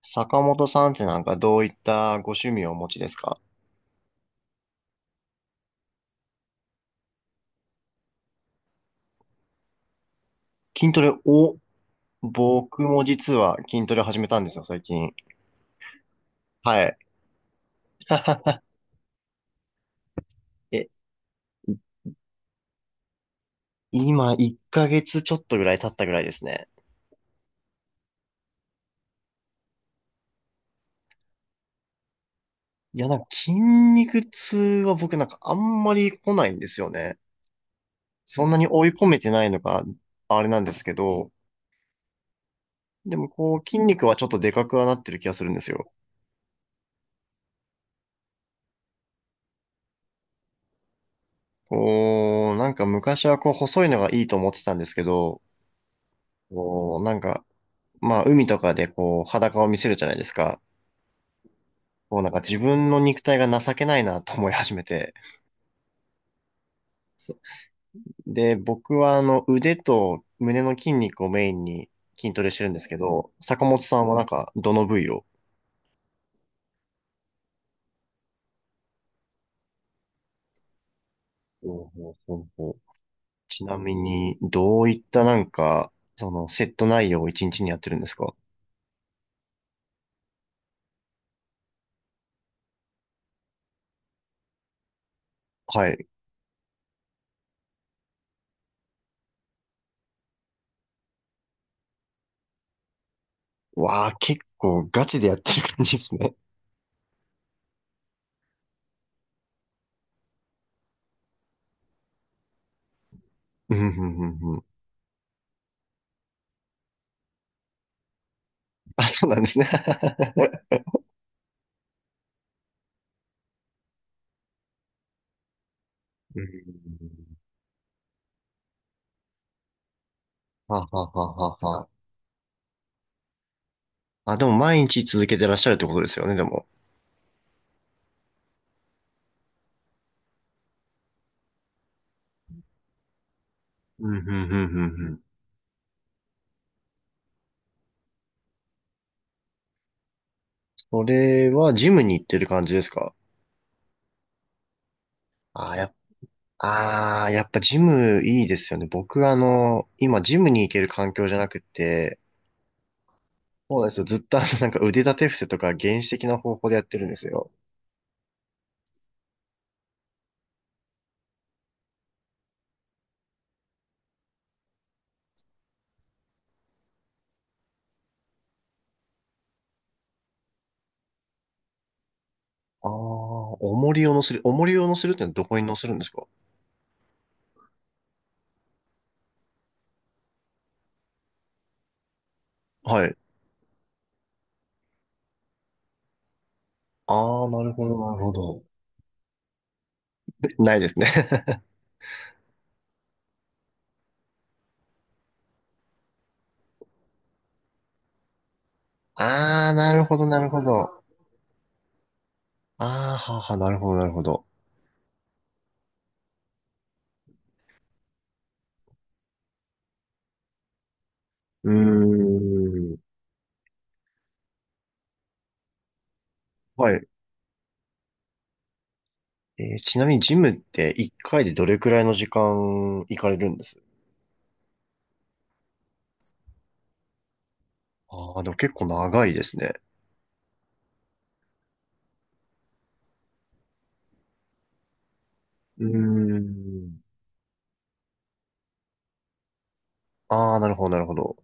坂本さんってなんかどういったご趣味をお持ちですか？筋トレを、僕も実は筋トレを始めたんですよ、最近。はい。え、今1ヶ月ちょっとぐらい経ったぐらいですね。いや、なんか筋肉痛は僕なんかあんまり来ないんですよね。そんなに追い込めてないのがあれなんですけど、でもこう筋肉はちょっとでかくはなってる気がするんですよ。こう、なんか昔はこう細いのがいいと思ってたんですけど、こう、なんかまあ、海とかでこう、裸を見せるじゃないですか。もうなんか自分の肉体が情けないなと思い始めて。で、僕はあの、腕と胸の筋肉をメインに筋トレしてるんですけど、坂本さんはなんか、どの部位を？ほうほうほうほう。ちなみに、どういったなんか、その、セット内容を一日にやってるんですか？はい。わあ、結構ガチでやってる感じですね。うん、うん、うん、うん。あ、そうなんですね。うんはははは。はあ、でも毎日続けてらっしゃるってことですよね、でも。うん、うん、うん、うんうん。それはジムに行ってる感じですか？あーやっ、あーやっぱジムいいですよね。僕あの、今ジムに行ける環境じゃなくて、そうなんですよ。ずっとあの、なんか腕立て伏せとか原始的な方法でやってるんですよ。ああ、重りを乗せるってのはどこに乗せるんですか？はい。ああ、なるほど、なるほど。ないですね。ああ、なるほど、なるほど。ああ、ははなるほど、なるほど。うーん。はい。ちなみにジムって1回でどれくらいの時間行かれるんです？ああー、でも結構長いですね。うーん。ああ、なるほど、なるほど。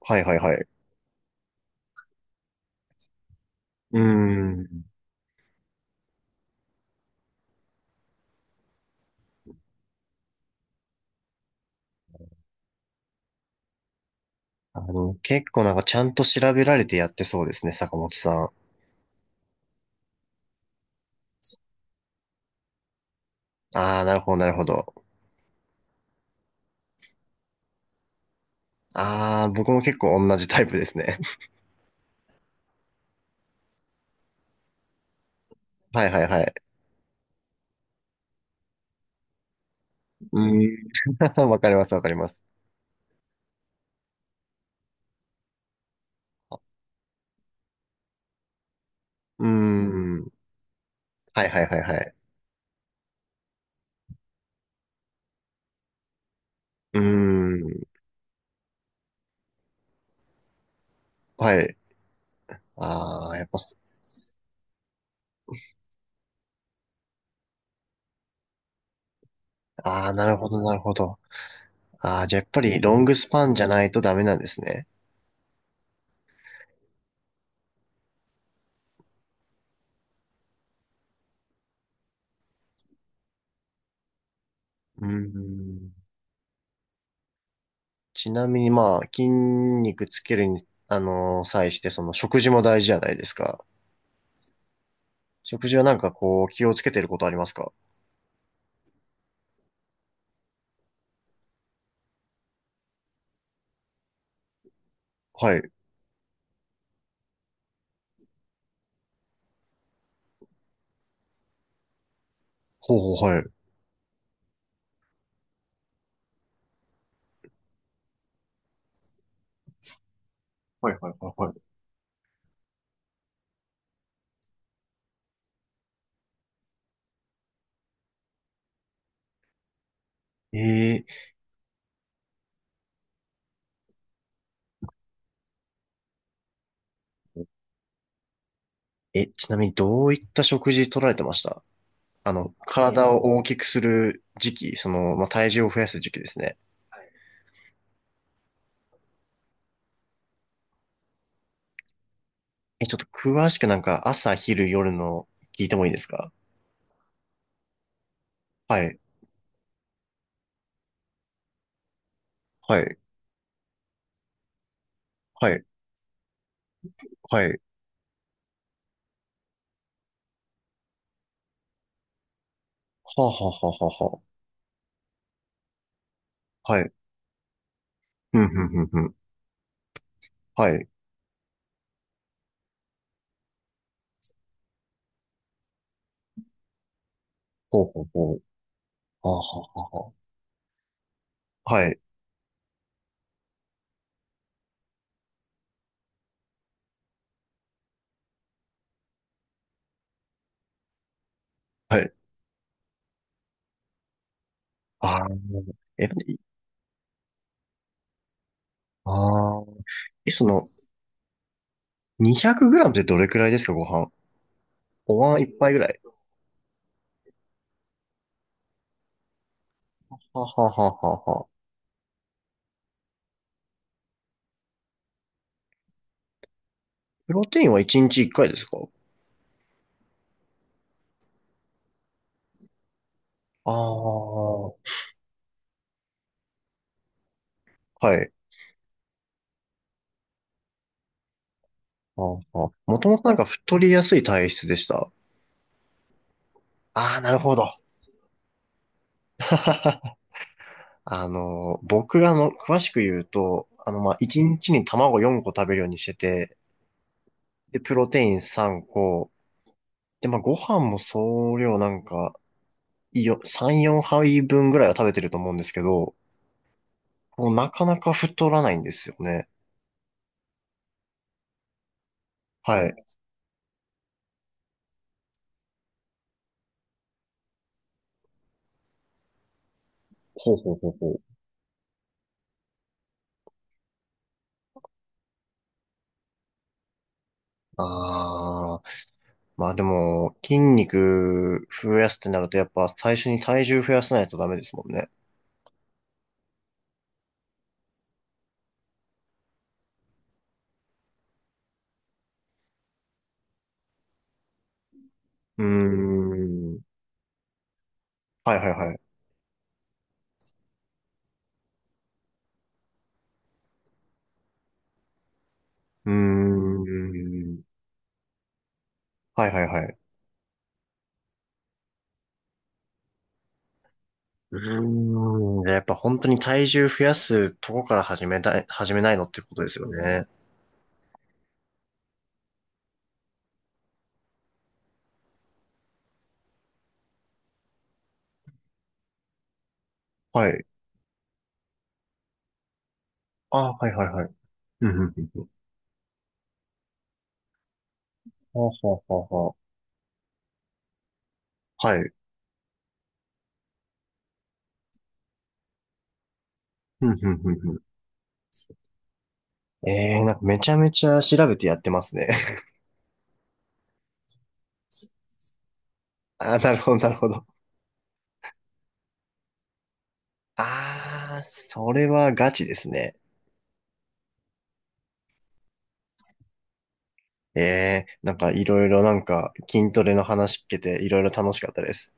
はいはいはい。うーん。あの、結構なんかちゃんと調べられてやってそうですね、坂本さん。ああ、なるほど、なるほど。ああ、僕も結構同じタイプですね。はいはいはい。うーん。わかります、わかります。うーん。はいはいはいはい。うーん。はい。ああ、やっぱ、ああ、なるほど、なるほど。ああ、じゃあやっぱりロングスパンじゃないとダメなんですね。うん。ちなみにまあ、筋肉つけるに、際して、その食事も大事じゃないですか。食事はなんかこう、気をつけてることありますか？はい。ほうほう、はい。はいはいはいはい。ー、ちなみにどういった食事取られてました？あの、体を大きくする時期、その、まあ、体重を増やす時期ですね。ちょっと詳しくなんか朝、昼、夜の聞いてもいいですか？はい。はい。はい。はい。はあ、はあ、はあ、はあ、はあ。はい。ふんふんふんふん。はい。ほうほうほう。はあ、はあ、はあ。はあはい。はい。ああ、え、いああー。えあえその、200グラムってどれくらいですか、ご飯。お椀一杯ぐらい。はあ、はあ、はあ、はあ。はあ。プロテインは1日1回ですか？ああ、はい。ああ、もともとなんか太りやすい体質でした？ああ、なるほど。あの、僕があの、詳しく言うと、あの、まあ、1日にちに卵4個食べるようにしてて、で、プロテイン3個。で、まあ、ご飯も総量なんか、3、4杯分ぐらいは食べてると思うんですけど、もうなかなか太らないんですよね。はい。ほうほうほうほう。ああ、まあでも、筋肉増やすってなると、やっぱ最初に体重増やさないとダメですもんね。うーん。はいはいはい。うーん。はいはいはい。うーん。やっぱ本当に体重増やすとこから始めたい、始めないのってことですよね。はい。ああ、はいはいはい。うん、うん、うんうん。はあ、はあ、はあ、はあ。はい。うん、うん、うん、うん。ええー、なんかめちゃめちゃ調べてやってますね。ああ、なるほど、なるほど。ああ、それはガチですね。ええー、なんかいろいろなんか筋トレの話聞けていろいろ楽しかったです。